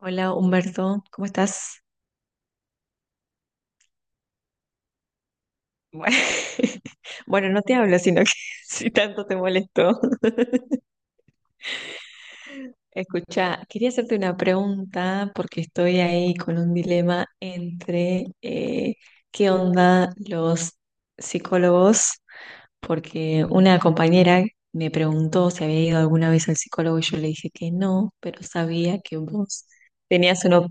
Hola Humberto, ¿cómo estás? Bueno, bueno, no te hablo, sino que si tanto te molestó. Escucha, quería hacerte una pregunta porque estoy ahí con un dilema entre qué onda los psicólogos, porque una compañera me preguntó si había ido alguna vez al psicólogo y yo le dije que no, pero sabía que vos tenías una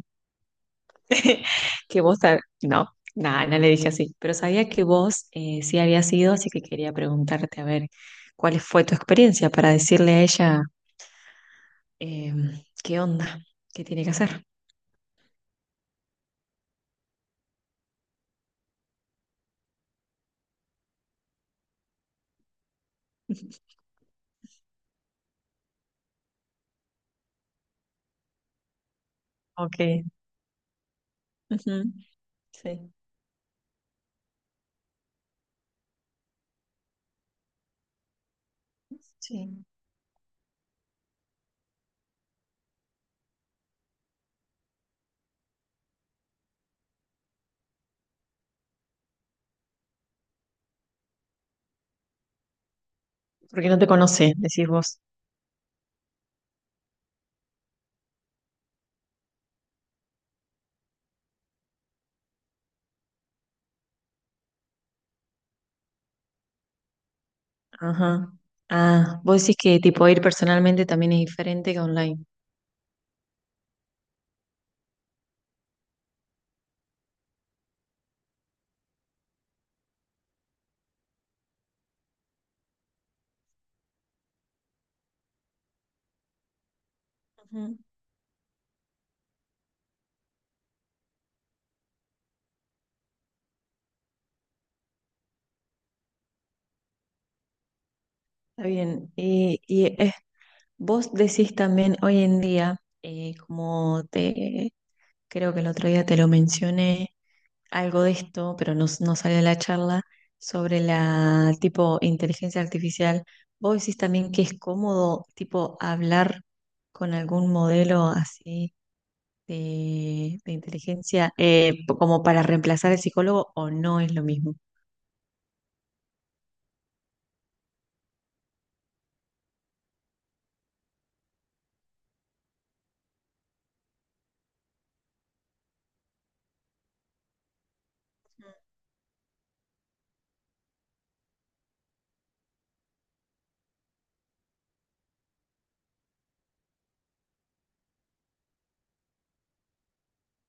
que vos, no, nada, no le dije así, pero sabía que vos sí había sido, así que quería preguntarte a ver cuál fue tu experiencia para decirle a ella eh, qué onda, qué tiene que hacer. Ok. Ujú. Sí, sí. Porque no te conoce, decís vos. Ajá. Ah, vos decís que tipo ir personalmente también es diferente que online. Ujú. Está bien. Y es vos decís también hoy en día, como te creo que el otro día te lo mencioné, algo de esto, pero no salió de la charla, sobre la tipo inteligencia artificial. Vos decís también que es cómodo tipo hablar con algún modelo así de inteligencia como para reemplazar al psicólogo o no es lo mismo.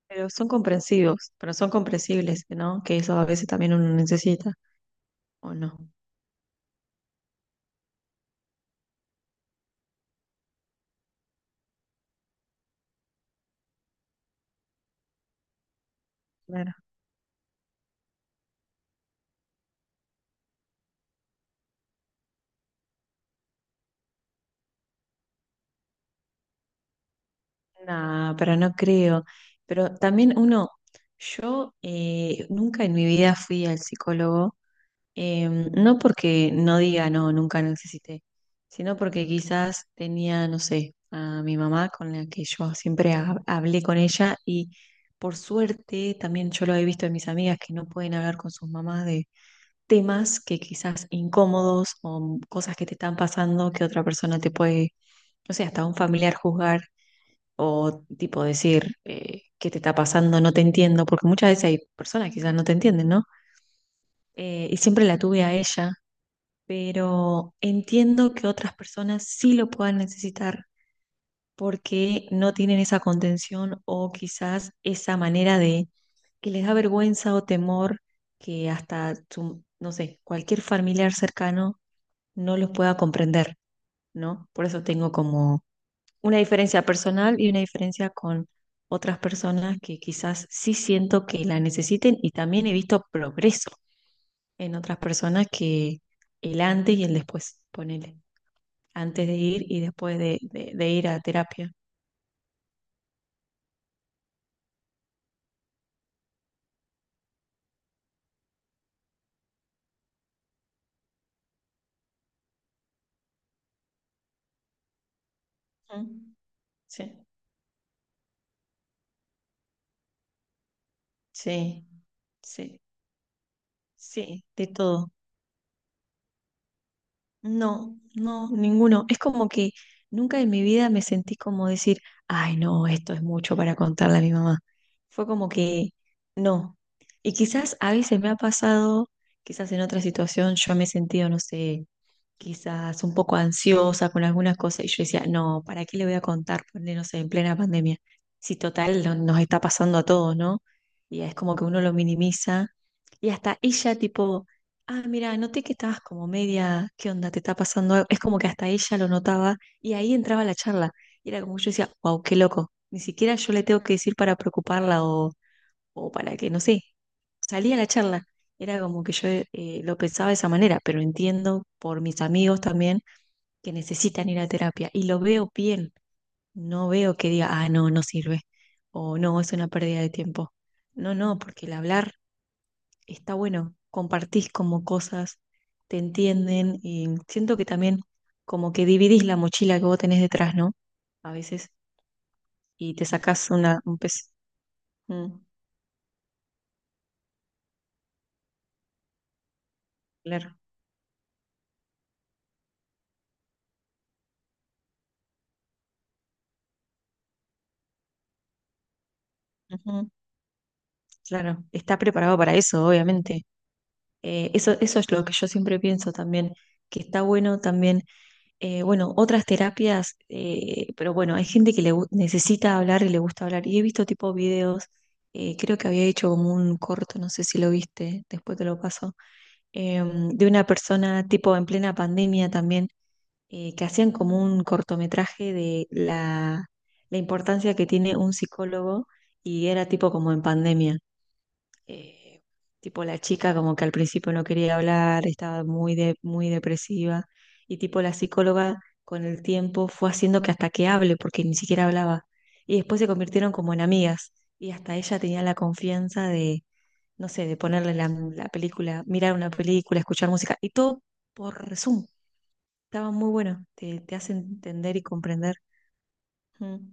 Pero son comprensivos, pero son comprensibles, ¿no? Que eso a veces también uno necesita, ¿o no? Claro. No, pero no creo. Pero también uno, yo nunca en mi vida fui al psicólogo, no porque no diga no, nunca necesité, sino porque quizás tenía, no sé, a mi mamá con la que yo siempre hablé con ella y por suerte también yo lo he visto en mis amigas que no pueden hablar con sus mamás de temas que quizás incómodos o cosas que te están pasando que otra persona te puede, no sé, hasta un familiar juzgar o tipo decir, ¿qué te está pasando? No te entiendo, porque muchas veces hay personas que quizás no te entienden, ¿no? Y siempre la tuve a ella, pero entiendo que otras personas sí lo puedan necesitar porque no tienen esa contención o quizás esa manera de que les da vergüenza o temor que no sé, cualquier familiar cercano no los pueda comprender, ¿no? Por eso tengo como una diferencia personal y una diferencia con otras personas que quizás sí siento que la necesiten y también he visto progreso en otras personas que el antes y el después, ponele, antes de ir y después de ir a terapia. Mm. Sí, sí, sí, sí, de todo. No, no, ninguno. Es como que nunca en mi vida me sentí como decir, ay, no, esto es mucho para contarle a mi mamá. Fue como que no. Y quizás a veces me ha pasado, quizás en otra situación yo me he sentido, no sé, quizás un poco ansiosa con algunas cosas y yo decía, no, ¿para qué le voy a contar? Ponle, no sé, en plena pandemia. Si total nos está pasando a todos, ¿no? Y es como que uno lo minimiza y hasta ella tipo, ah, mira, noté que estabas como media, ¿qué onda? ¿Te está pasando algo?". Es como que hasta ella lo notaba y ahí entraba la charla. Y era como que yo decía, wow, qué loco. Ni siquiera yo le tengo que decir para preocuparla o para que, no sé, salía la charla. Era como que yo lo pensaba de esa manera, pero entiendo por mis amigos también que necesitan ir a terapia y lo veo bien. No veo que diga, ah, no, no sirve o no, es una pérdida de tiempo. No, no, porque el hablar está bueno, compartís como cosas, te entienden y siento que también como que dividís la mochila que vos tenés detrás, ¿no? A veces y te sacás una, un pez. Mm, claro, ujú, claro, está preparado para eso, obviamente. Eso es lo que yo siempre pienso también, que está bueno también, bueno, otras terapias, pero bueno, hay gente que necesita hablar y le gusta hablar. Y he visto tipo videos, creo que había hecho como un corto, no sé si lo viste, después te lo paso de una persona tipo en plena pandemia también, que hacían como un cortometraje de la importancia que tiene un psicólogo y era tipo como en pandemia. Eh, tipo la chica como que al principio no quería hablar, estaba muy depresiva y tipo la psicóloga con el tiempo fue haciendo que hasta que hable porque ni siquiera hablaba. Y después se convirtieron como en amigas y hasta ella tenía la confianza no sé, de ponerle la película, mirar una película, escuchar música, y todo por Zoom. Estaba muy bueno, te hace entender y comprender. Mm.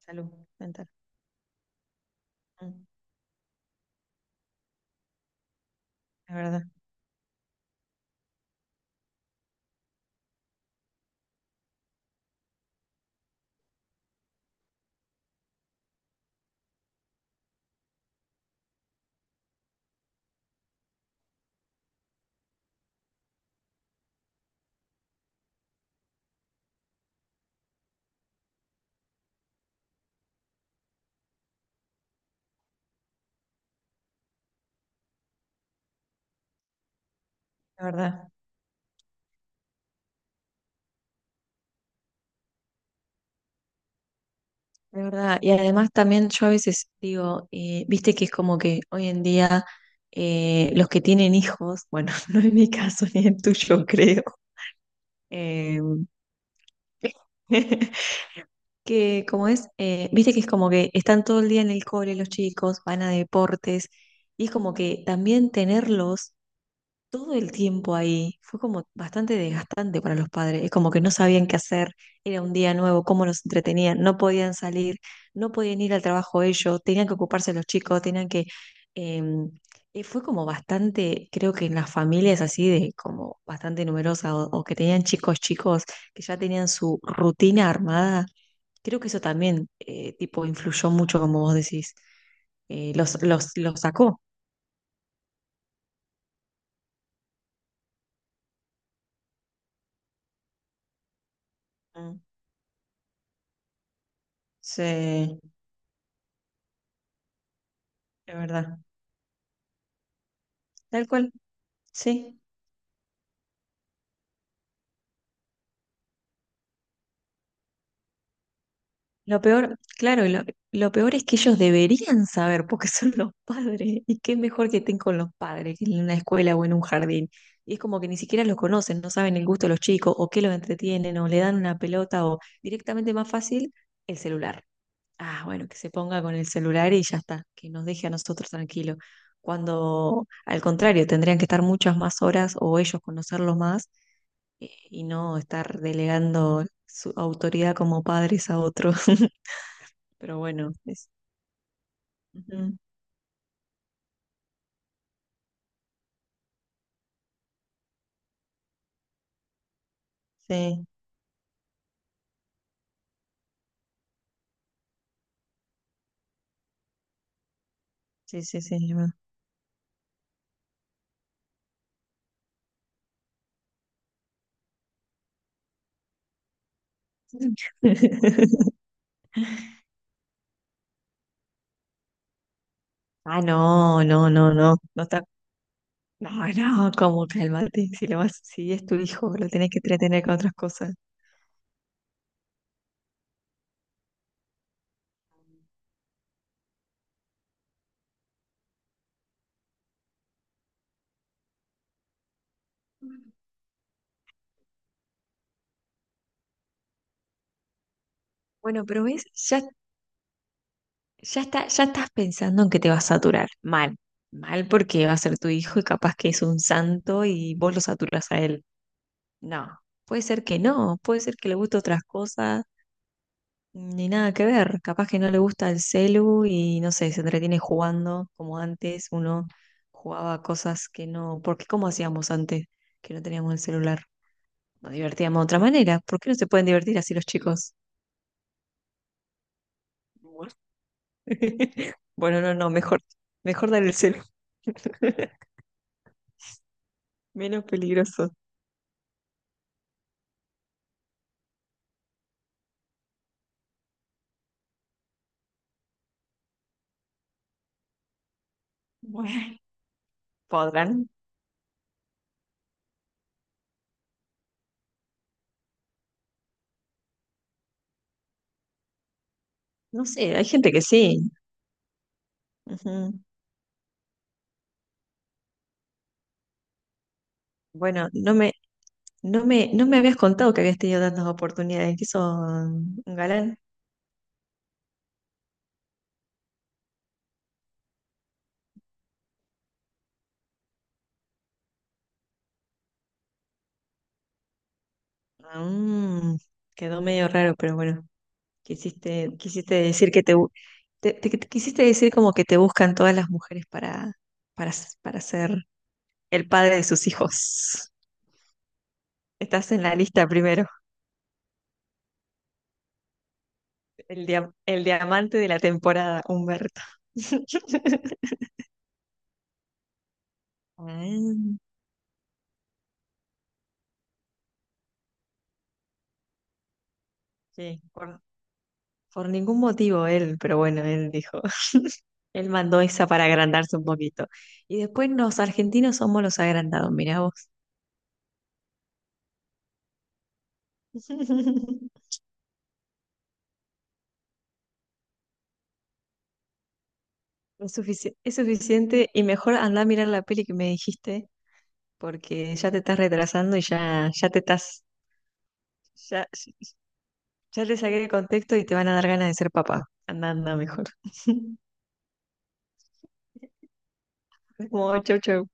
Salud mental. Mm. Es verdad, es verdad, es verdad. Y además también yo a veces digo, viste que es como que hoy en día los que tienen hijos, bueno, no es mi caso ni el tuyo, creo. eh, que como es, viste que es como que están todo el día en el cole los chicos, van a deportes, y es como que también tenerlos todo el tiempo ahí fue como bastante desgastante para los padres, es como que no sabían qué hacer, era un día nuevo, cómo los entretenían, no podían salir, no podían ir al trabajo ellos, tenían que ocuparse los chicos, tenían que... em, fue como bastante, creo que en las familias así de como bastante numerosas o que tenían chicos chicos que ya tenían su rutina armada. Creo que eso también, tipo, influyó mucho, como vos decís. Los sacó. Mm. Sí, es verdad. Tal cual, sí. Lo peor, claro, lo peor es que ellos deberían saber porque son los padres. Y qué mejor que estén con los padres que en una escuela o en un jardín. Y es como que ni siquiera los conocen, no saben el gusto de los chicos o qué los entretienen o le dan una pelota o directamente más fácil el celular. Ah, bueno, que se ponga con el celular y ya está, que nos deje a nosotros tranquilos. Cuando, al contrario, tendrían que estar muchas más horas o ellos conocerlo más y no estar delegando su autoridad como padres a otros. Pero bueno, es- Ujú. Sí, sí, sí, sí. Es verdad. Ah, no, no, no, no, no está. No, no, como calmate, si lo vas, si es tu hijo, lo tenés que entretener con otras cosas. Bueno, pero ves, ya está, ya estás pensando en que te va a saturar. Mal, mal porque va a ser tu hijo y capaz que es un santo y vos lo saturas a él. No, puede ser que no, puede ser que le guste otras cosas, ni nada que ver. Capaz que no le gusta el celu y no sé, se entretiene jugando como antes uno jugaba a cosas que no. ¿Por qué cómo hacíamos antes que no teníamos el celular? Nos divertíamos de otra manera. ¿Por qué no se pueden divertir así los chicos? Bueno, bueno, no, no, mejor, mejor dar el celu. menos peligroso. Bueno, podrán. No sé, hay gente que sí. Ujú. Bueno, no me, no me habías contado que habías tenido tantas oportunidades. ¿Qué sos un galán? Ah, mm, quedó medio raro, pero bueno, quisiste decir que te quisiste decir como que te buscan todas las mujeres para ser el padre de sus hijos. Estás en la lista primero, el diamante de la temporada, Humberto. Ah. Sí, por ningún motivo él, pero bueno, él dijo, él mandó esa para agrandarse un poquito. Y después los argentinos somos los agrandados, mirá vos. Es suficiente y mejor andá a mirar la peli que me dijiste, porque ya te estás retrasando ya te estás, ya, ya te saqué el contexto y te van a dar ganas de ser papá. Anda, anda mejor. Como chau, chau.